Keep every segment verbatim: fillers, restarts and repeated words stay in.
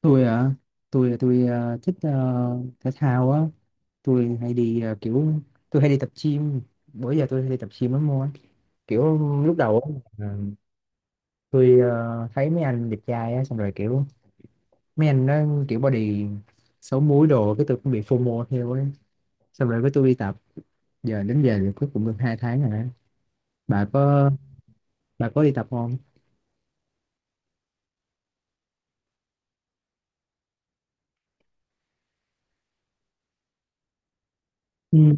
Tôi à? Tôi tôi à, thích ờ, thể thao á. Tôi hay đi à, kiểu tôi hay đi tập gym. Bữa giờ tôi hay đi tập gym lắm luôn á, kiểu lúc đầu á, là tôi ờ, thấy mấy anh đẹp trai á, xong rồi kiểu mấy anh đó kiểu body xấu múi đồ, cái tôi cũng bị FOMO theo ấy. Xong rồi cái tôi đi tập, giờ đến giờ thì cuối cùng được hai tháng rồi á. Bà có, bà có đi tập không? Ừ.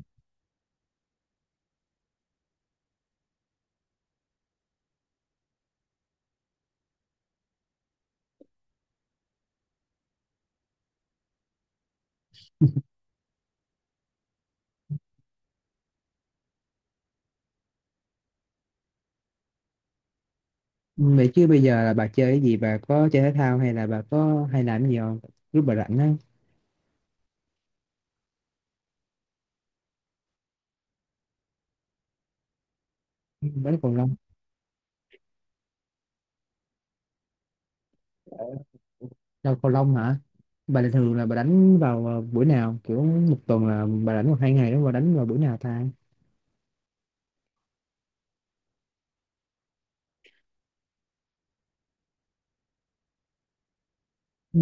Vậy chứ bây giờ là bà chơi cái gì, bà có chơi thể thao hay là bà có hay làm cái gì không lúc bà rảnh á? Vẫn còn lâu. Đâu cầu lông hả? Bà là thường là bà đánh vào ờ, buổi nào? Kiểu một tuần là bà đánh một hai ngày đó, bà đánh vào buổi nào ta? Ừ.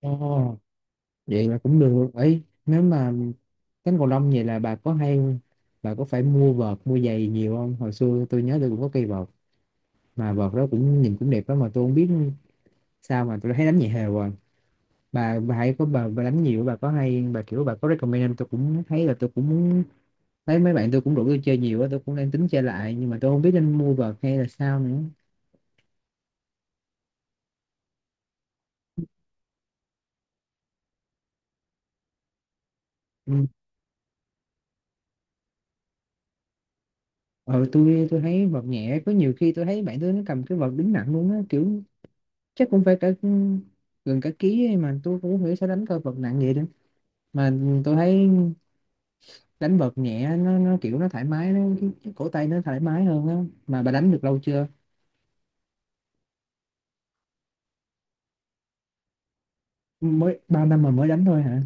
Ồ, vậy là cũng được. Ấy nếu mà đánh cầu lông vậy là bà có hay, bà có phải mua vợt, mua giày nhiều không? Hồi xưa tôi nhớ tôi cũng có cây vợt, mà vợt đó cũng nhìn cũng đẹp đó, mà tôi không biết sao mà tôi thấy đánh nhẹ hều rồi. Bà bà hay có bà, bà đánh nhiều bà có hay bà kiểu bà có recommend không? Tôi cũng thấy là tôi cũng muốn. Mấy mấy bạn tôi cũng rủ tôi chơi nhiều á, tôi cũng đang tính chơi lại nhưng mà tôi không biết nên mua vợt hay là sao nữa. Ừ. Ờ, tôi tôi thấy vợt nhẹ, có nhiều khi tôi thấy bạn tôi nó cầm cái vợt đứng nặng luôn á, kiểu chắc cũng phải cả ừ, gần cả ký ấy, mà tôi cũng không hiểu sao đánh cơ vợt nặng vậy nữa. Mà tôi thấy đánh vợt nhẹ nó nó kiểu nó thoải mái, nó cái, cái cổ tay nó thoải mái hơn á. Mà bà đánh được lâu chưa? Mới bao năm mà mới đánh thôi hả?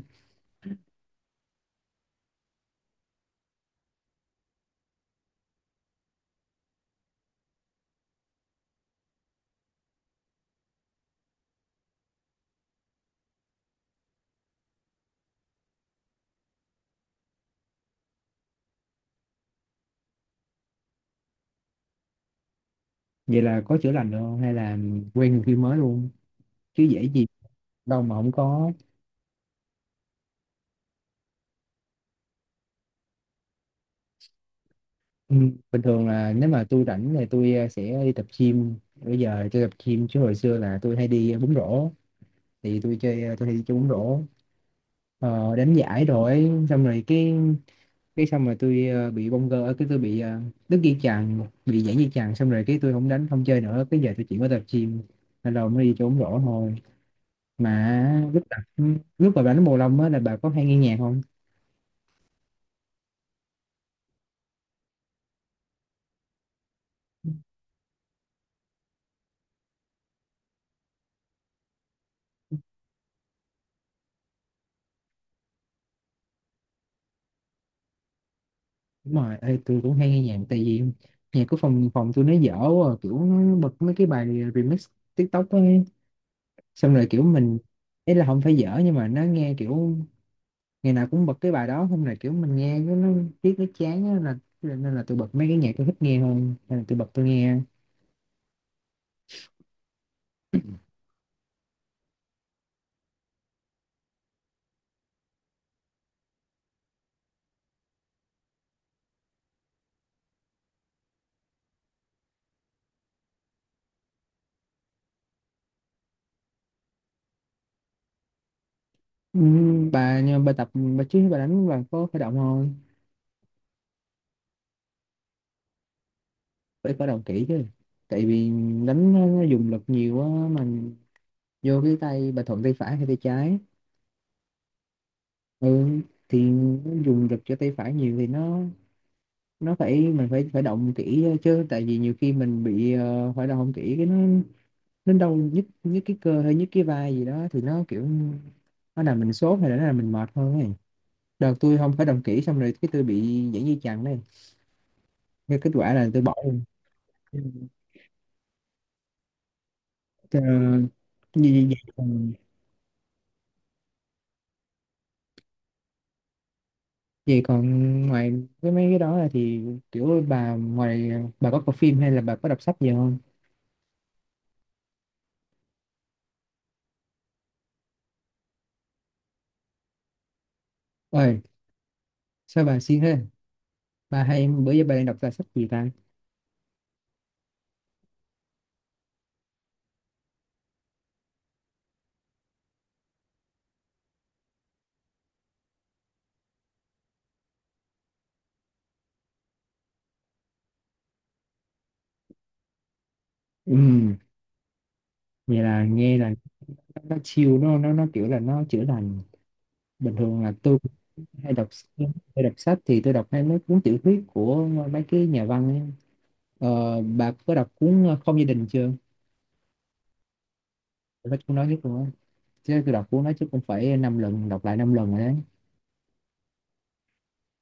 Vậy là có chữa lành được không hay là quen người kia mới luôn? Chứ dễ gì đâu mà không có. Ừm, bình thường là nếu mà tôi rảnh thì tôi ờ, sẽ đi tập gym. Bây giờ tôi tập gym chứ hồi xưa là tôi hay đi ờ, bóng rổ, thì tôi chơi ờ, tôi hay đi chơi bóng rổ, ờ, đánh giải, rồi xong rồi cái cái xong rồi tôi ờ, bị bong gơ, cái tôi bị ờ, đứt dây chằng, bị giãn dây chằng, xong rồi cái tôi không đánh không chơi nữa, cái giờ tôi chỉ có tập gym, nên là mới đi chơi bóng rổ thôi. Mà lúc tập, lúc mà đánh cầu lông á là bà có hay nghe nhạc không? Đúng rồi. Ê, tôi cũng hay nghe nhạc tại vì nhạc của phòng phòng tôi nó dở quá, à, kiểu nó bật mấy cái bài remix TikTok ấy, xong rồi kiểu mình, ấy là không phải dở nhưng mà nó nghe kiểu ngày nào cũng bật cái bài đó, xong rồi kiểu mình nghe cái nó tiếc nó chán á, là nên là tôi bật mấy cái nhạc tôi thích nghe hơn, nên là tôi bật tôi nghe. Ừ, bà nhưng mà bà tập, bà chứ bà đánh bà có khởi động không? Phải khởi động kỹ chứ, tại vì đánh nó, nó dùng lực nhiều á, mình vô cái tay, bà thuận tay phải hay tay trái? Ừ, thì dùng lực cho tay phải nhiều thì nó nó phải mình phải phải động kỹ chứ, tại vì nhiều khi mình bị ờ, phải động không kỹ cái nó nó đau nhức, nhức cái cơ hay nhức cái vai gì đó thì nó kiểu nó làm mình sốt hay là nó làm mình mệt hơn ấy. Đợt tôi không phải động kỹ xong rồi cái tôi bị giãn dây chằng đây, cái kết quả là tôi bỏ luôn. Ừ. Ờ, gì- gì còn vậy còn ngoài cái mấy cái đó là thì kiểu bà ngoài, bà có coi phim hay là bà có đọc sách gì không? Ơi, sao bà siêng thế? Ba hay em bữa giờ ba đang đọc ra sách gì ta? Ừm, vậy là nghe là nó, nó chill nó nó nó kiểu là nó chữa lành. Bình thường là tôi cũng hay đọc, hay đọc sách thì tôi đọc hay mấy cuốn tiểu thuyết của mấy cái nhà văn ấy. Ờ, bà có đọc cuốn ờ, Không gia đình chưa? Tôi cuốn nói chứ luôn á, chứ tôi đọc cuốn đó chứ cũng phải năm lần, đọc lại năm lần rồi đấy.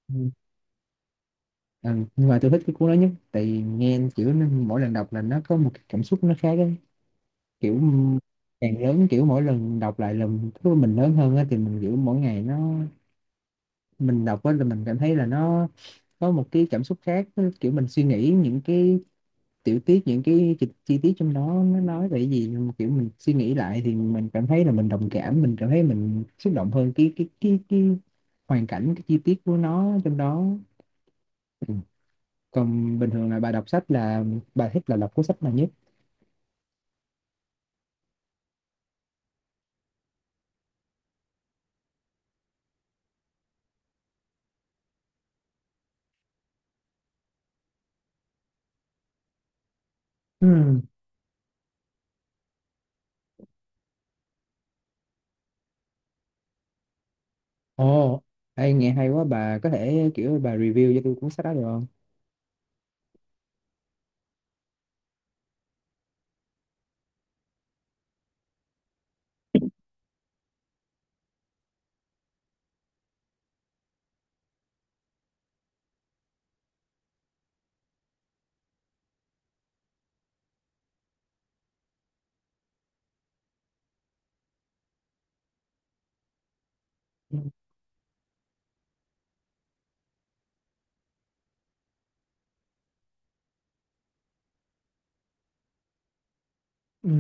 Ừ. Ừ, nhưng mà tôi thích cái cuốn đó nhất tại vì nghe kiểu nó- mỗi lần đọc là nó có một cái cảm xúc nó khác ấy. Kiểu càng lớn kiểu mỗi lần đọc lại lần thứ mình lớn hơn á, thì mình kiểu mỗi ngày nó, mình đọc á là mình cảm thấy là nó có một cái cảm xúc khác, nó kiểu mình suy nghĩ những cái tiểu tiết, những cái chi, chi tiết trong đó nó nói về cái gì, nhưng mà kiểu mình suy nghĩ lại thì mình cảm thấy là mình đồng cảm, mình cảm thấy mình xúc động hơn cái cái cái cái hoàn cảnh, cái chi tiết của nó trong đó. Ừ. Còn bình thường là bà đọc sách là bà thích là đọc cuốn sách nào nhất? Ừ. Ồ, ê, nghe hay quá, bà có thể kiểu bà review cho tôi cuốn sách đó được không? Ừ.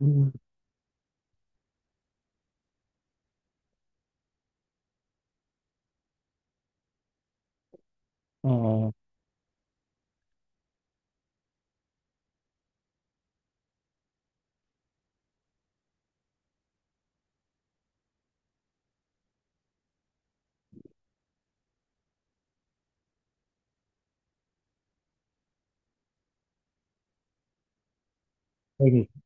Ừ. Ừ. Ồ, hay thiệt.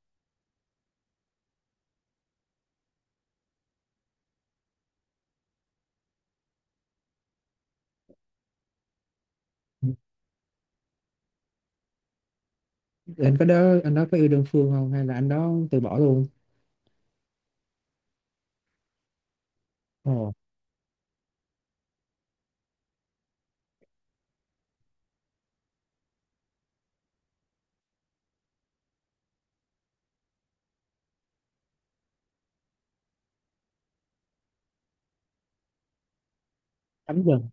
Ừ. Anh có đó, anh đó có yêu đơn phương không hay là anh đó từ bỏ luôn? Ồ, tắm dần.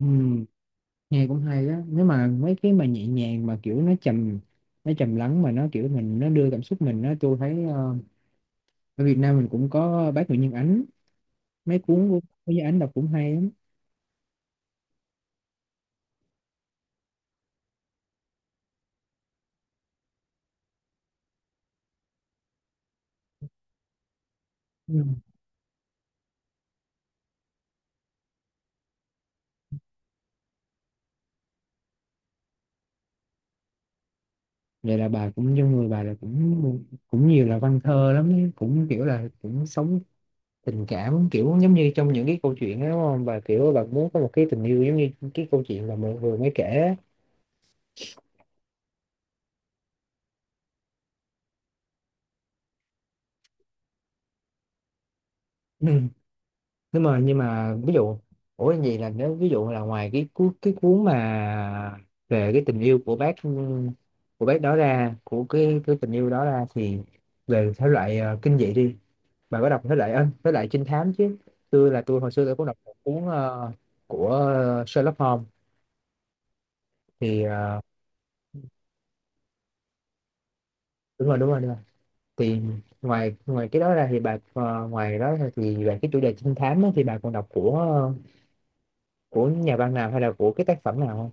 Ừ, nghe cũng hay á, nếu mà mấy cái mà nhẹ nhàng mà kiểu nó trầm, nó trầm lắng mà nó kiểu mình nó đưa cảm xúc mình á, tôi thấy ờ, ở Việt Nam mình cũng có bác Nguyễn Nhân Ánh, mấy cuốn của bác Nguyễn Nhân Ánh đọc cũng hay lắm. Ừ. Vậy là bà cũng trong người bà là cũng cũng nhiều là văn thơ lắm ấy, cũng kiểu là cũng sống tình cảm kiểu giống như trong những cái câu chuyện đó đúng không bà, kiểu bà muốn có một cái tình yêu giống như cái câu chuyện mà mình vừa mới kể á. Ừ. Nếu mà nhưng mà ví dụ, ủa gì là nếu ví dụ là ngoài cái cuốn, cái cuốn mà về cái tình yêu của bác, của bác đó ra, của cái cái tình yêu đó ra, thì về thể loại ờ, kinh dị đi, bà có đọc thể loại ơ, thể loại trinh thám chứ? Tôi là tôi hồi xưa tôi cũng đọc một cuốn ờ, của Sherlock Holmes, thì ờ, đúng rồi đúng rồi đúng rồi. Thì ngoài, ngoài cái đó ra thì bà ờ, ngoài đó ra thì về cái chủ đề trinh thám á, thì bà còn đọc của ờ, của nhà văn nào hay là của cái tác phẩm nào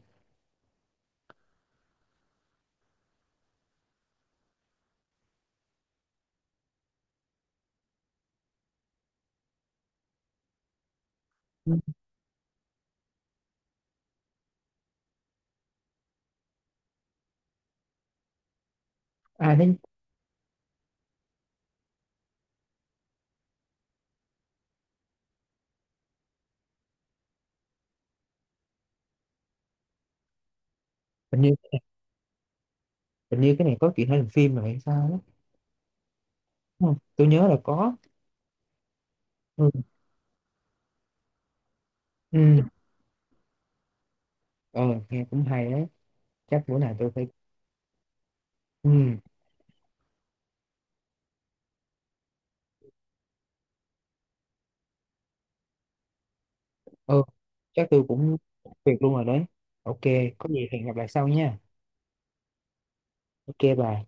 không? À, thế hình như, hình như cái này có chuyện hay làm phim rồi hay sao đó, đúng không? Tôi nhớ là có. Ừ. Ừ. Ờ, nghe cũng hay đấy, chắc bữa nào tôi phải. Ừ. Ờ, chắc tôi cũng việc luôn rồi đấy. Ok, có gì hẹn gặp lại sau nha. Ok bà.